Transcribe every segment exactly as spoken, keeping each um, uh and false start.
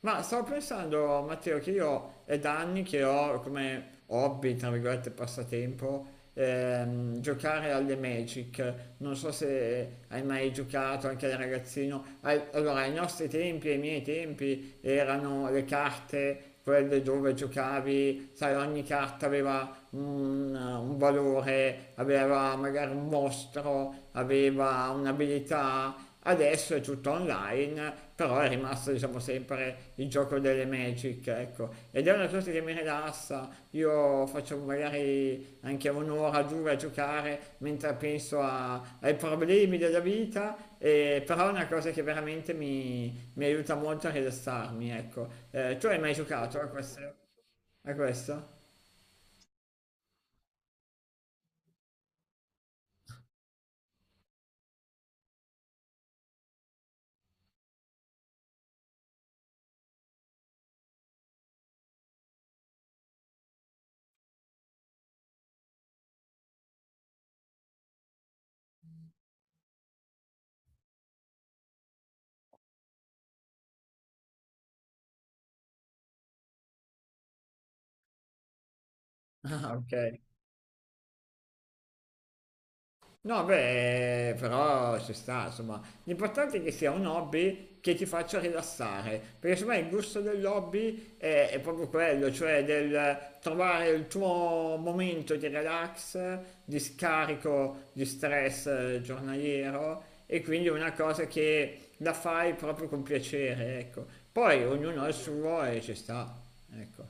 Ma stavo pensando, Matteo, che io è da anni che ho come hobby, tra virgolette, passatempo, ehm, giocare alle Magic. Non so se hai mai giocato anche da ragazzino. Ai- Allora, ai nostri tempi, ai miei tempi, erano le carte, quelle dove giocavi, sai, ogni carta aveva un, un valore, aveva magari un mostro, aveva un'abilità. Adesso è tutto online, però è rimasto, diciamo, sempre il gioco delle Magic, ecco. Ed è una cosa che mi rilassa, io faccio magari anche un'ora, due a giocare mentre penso a- ai problemi della vita, e- però è una cosa che veramente mi, mi aiuta molto a rilassarmi, ecco. Eh, tu hai mai giocato a questo? A questo? Ah, ok. No, beh, però ci sta, insomma, l'importante è che sia un hobby che ti faccia rilassare, perché secondo me il gusto dell'hobby è, è proprio quello, cioè del trovare il tuo momento di relax, di scarico di stress, eh, giornaliero, e quindi è una cosa che la fai proprio con piacere, ecco. Poi ognuno ha il suo e ci sta, ecco.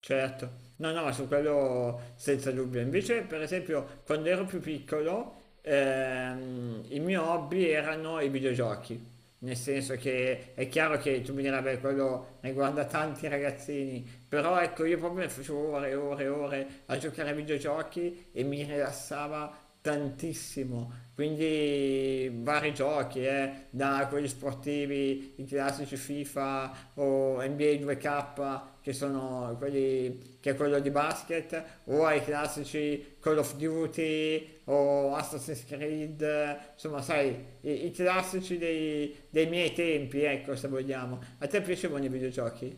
Certo, no, no, su quello senza dubbio. Invece, per esempio, quando ero più piccolo, ehm, il mio hobby erano i videogiochi. Nel senso che è chiaro che tu mi dirai, beh, quello riguarda tanti ragazzini, però ecco, io proprio ne facevo ore e ore e ore a giocare ai videogiochi e mi rilassava tantissimo. Quindi vari giochi, eh, da quelli sportivi, i classici FIFA o N B A due K, che sono quelli che è quello di basket, o ai classici Call of Duty o Assassin's Creed, eh, insomma, sai, i, i classici dei, dei miei tempi, ecco, se vogliamo. A te piacevano i videogiochi?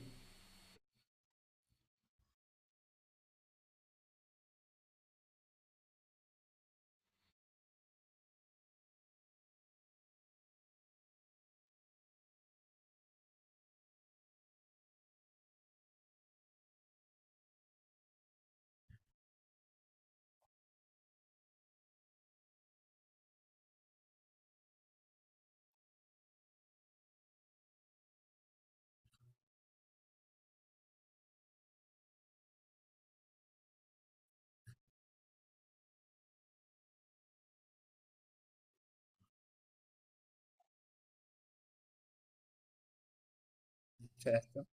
Certo.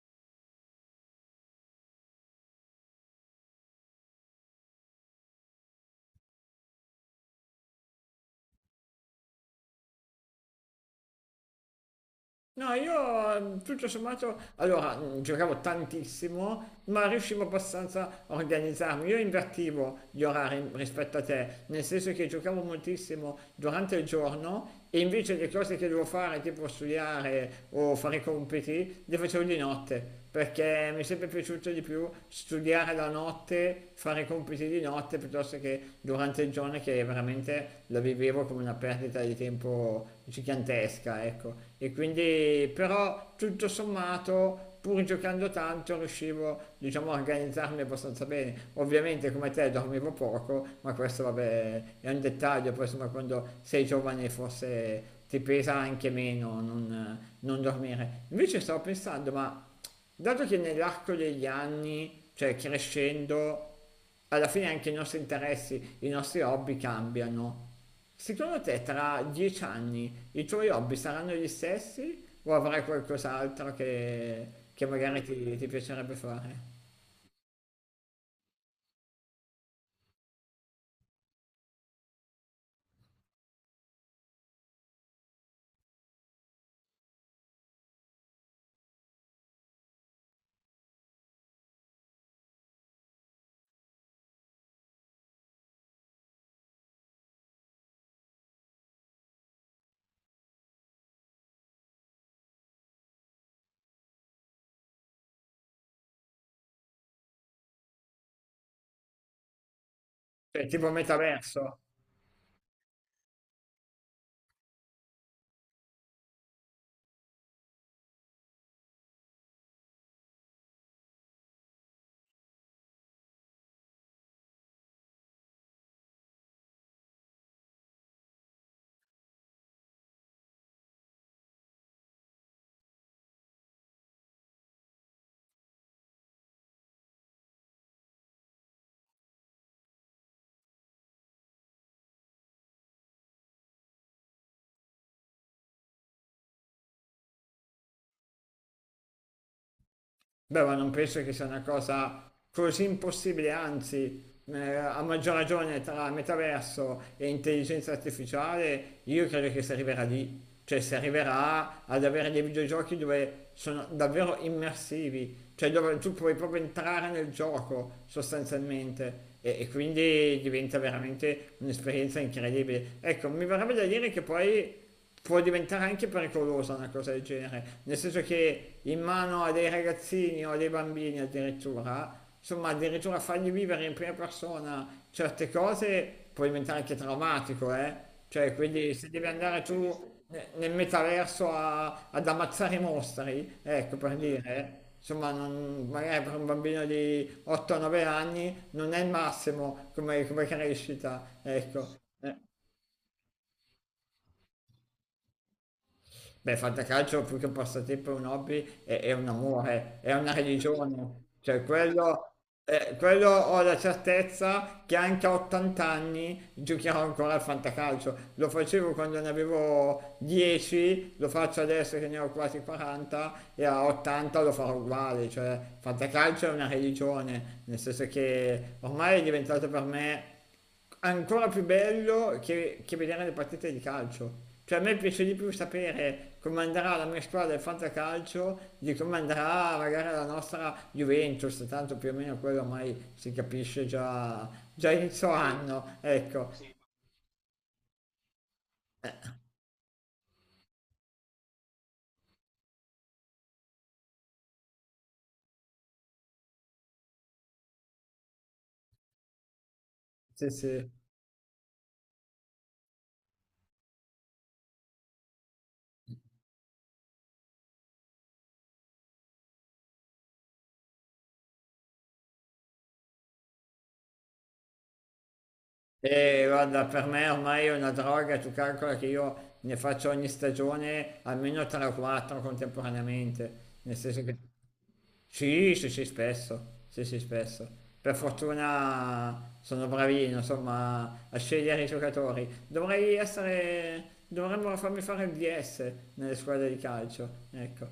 No, io, eh, tutto sommato, allora, mh, giocavo tantissimo, ma riuscivo abbastanza a organizzarmi. Io invertivo gli orari rispetto a te, nel senso che giocavo moltissimo durante il giorno e invece le cose che devo fare, tipo studiare o fare i compiti, le facevo di notte, perché mi è sempre piaciuto di più studiare la notte, fare i compiti di notte piuttosto che durante il giorno, che veramente la vivevo come una perdita di tempo gigantesca, ecco. E quindi però tutto sommato, pur giocando tanto, riuscivo, diciamo, a organizzarmi abbastanza bene. Ovviamente come te dormivo poco, ma questo, vabbè, è un dettaglio. Poi insomma, quando sei giovane forse ti pesa anche meno non, non dormire. Invece stavo pensando, ma dato che nell'arco degli anni, cioè crescendo, alla fine anche i nostri interessi, i nostri hobby cambiano, secondo te tra dieci anni i tuoi hobby saranno gli stessi o avrai qualcos'altro che, che magari ti, ti piacerebbe fare? Cioè, tipo metaverso? Beh, ma non penso che sia una cosa così impossibile, anzi, eh, a maggior ragione tra metaverso e intelligenza artificiale, io credo che si arriverà lì. Cioè si arriverà ad avere dei videogiochi dove sono davvero immersivi, cioè dove tu puoi proprio entrare nel gioco sostanzialmente, e, e quindi diventa veramente un'esperienza incredibile. Ecco, mi verrebbe da dire che poi può diventare anche pericolosa una cosa del genere, nel senso che in mano a dei ragazzini o a dei bambini, addirittura, insomma, addirittura fargli vivere in prima persona certe cose può diventare anche traumatico, eh? Cioè, quindi se devi andare tu ne- nel metaverso a- ad ammazzare i mostri, ecco per dire. Insomma, non- magari per un bambino di otto o nove anni non è il massimo come, come crescita, ecco. Eh. Beh, fantacalcio più che un passatempo è un hobby, è, è un amore, è una religione. Cioè, quello, eh, quello ho la certezza che anche a ottanta anni giocherò ancora al fantacalcio. Lo facevo quando ne avevo dieci, lo faccio adesso che ne ho quasi quaranta e a ottanta lo farò uguale. Cioè, fantacalcio è una religione, nel senso che ormai è diventato per me ancora più bello che, che vedere le partite di calcio. Cioè a me piace di più sapere come andrà la mia squadra del fantacalcio di come andrà magari la nostra Juventus, tanto più o meno quello ormai si capisce già, già inizio anno, ecco. Sì. Sì, sì. E guarda, per me ormai è una droga, tu calcola che io ne faccio ogni stagione almeno tre o quattro contemporaneamente, nel senso che... Sì, sì, sì, spesso, sì, sì, spesso. Per fortuna sono bravino, insomma, a scegliere i giocatori. Dovrei essere, dovremmo farmi fare il D S nelle squadre di calcio, ecco.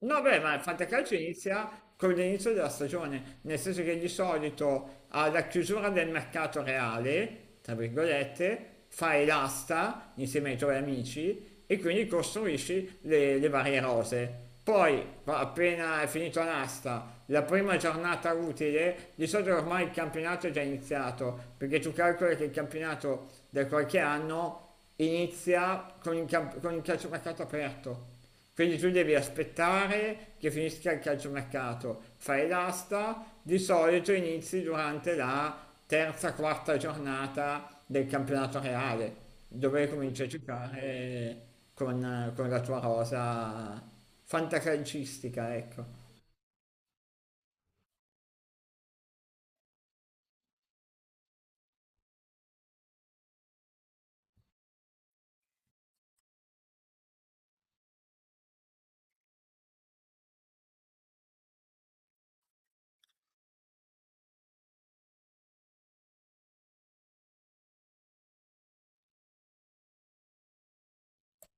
No, beh, ma il fantacalcio inizia con l'inizio della stagione, nel senso che di solito alla chiusura del mercato reale, tra virgolette, fai l'asta insieme ai tuoi amici e quindi costruisci le, le varie rose. Poi, pa- appena è finita l'asta, la prima giornata utile, di solito ormai il campionato è già iniziato, perché tu calcoli che il campionato da qualche anno inizia con il, camp- con il calciomercato aperto. Quindi tu devi aspettare che finisca il calciomercato, fai l'asta, di solito inizi durante la terza, quarta giornata del campionato reale, dove cominci a giocare con, con la tua rosa fantacalcistica, ecco.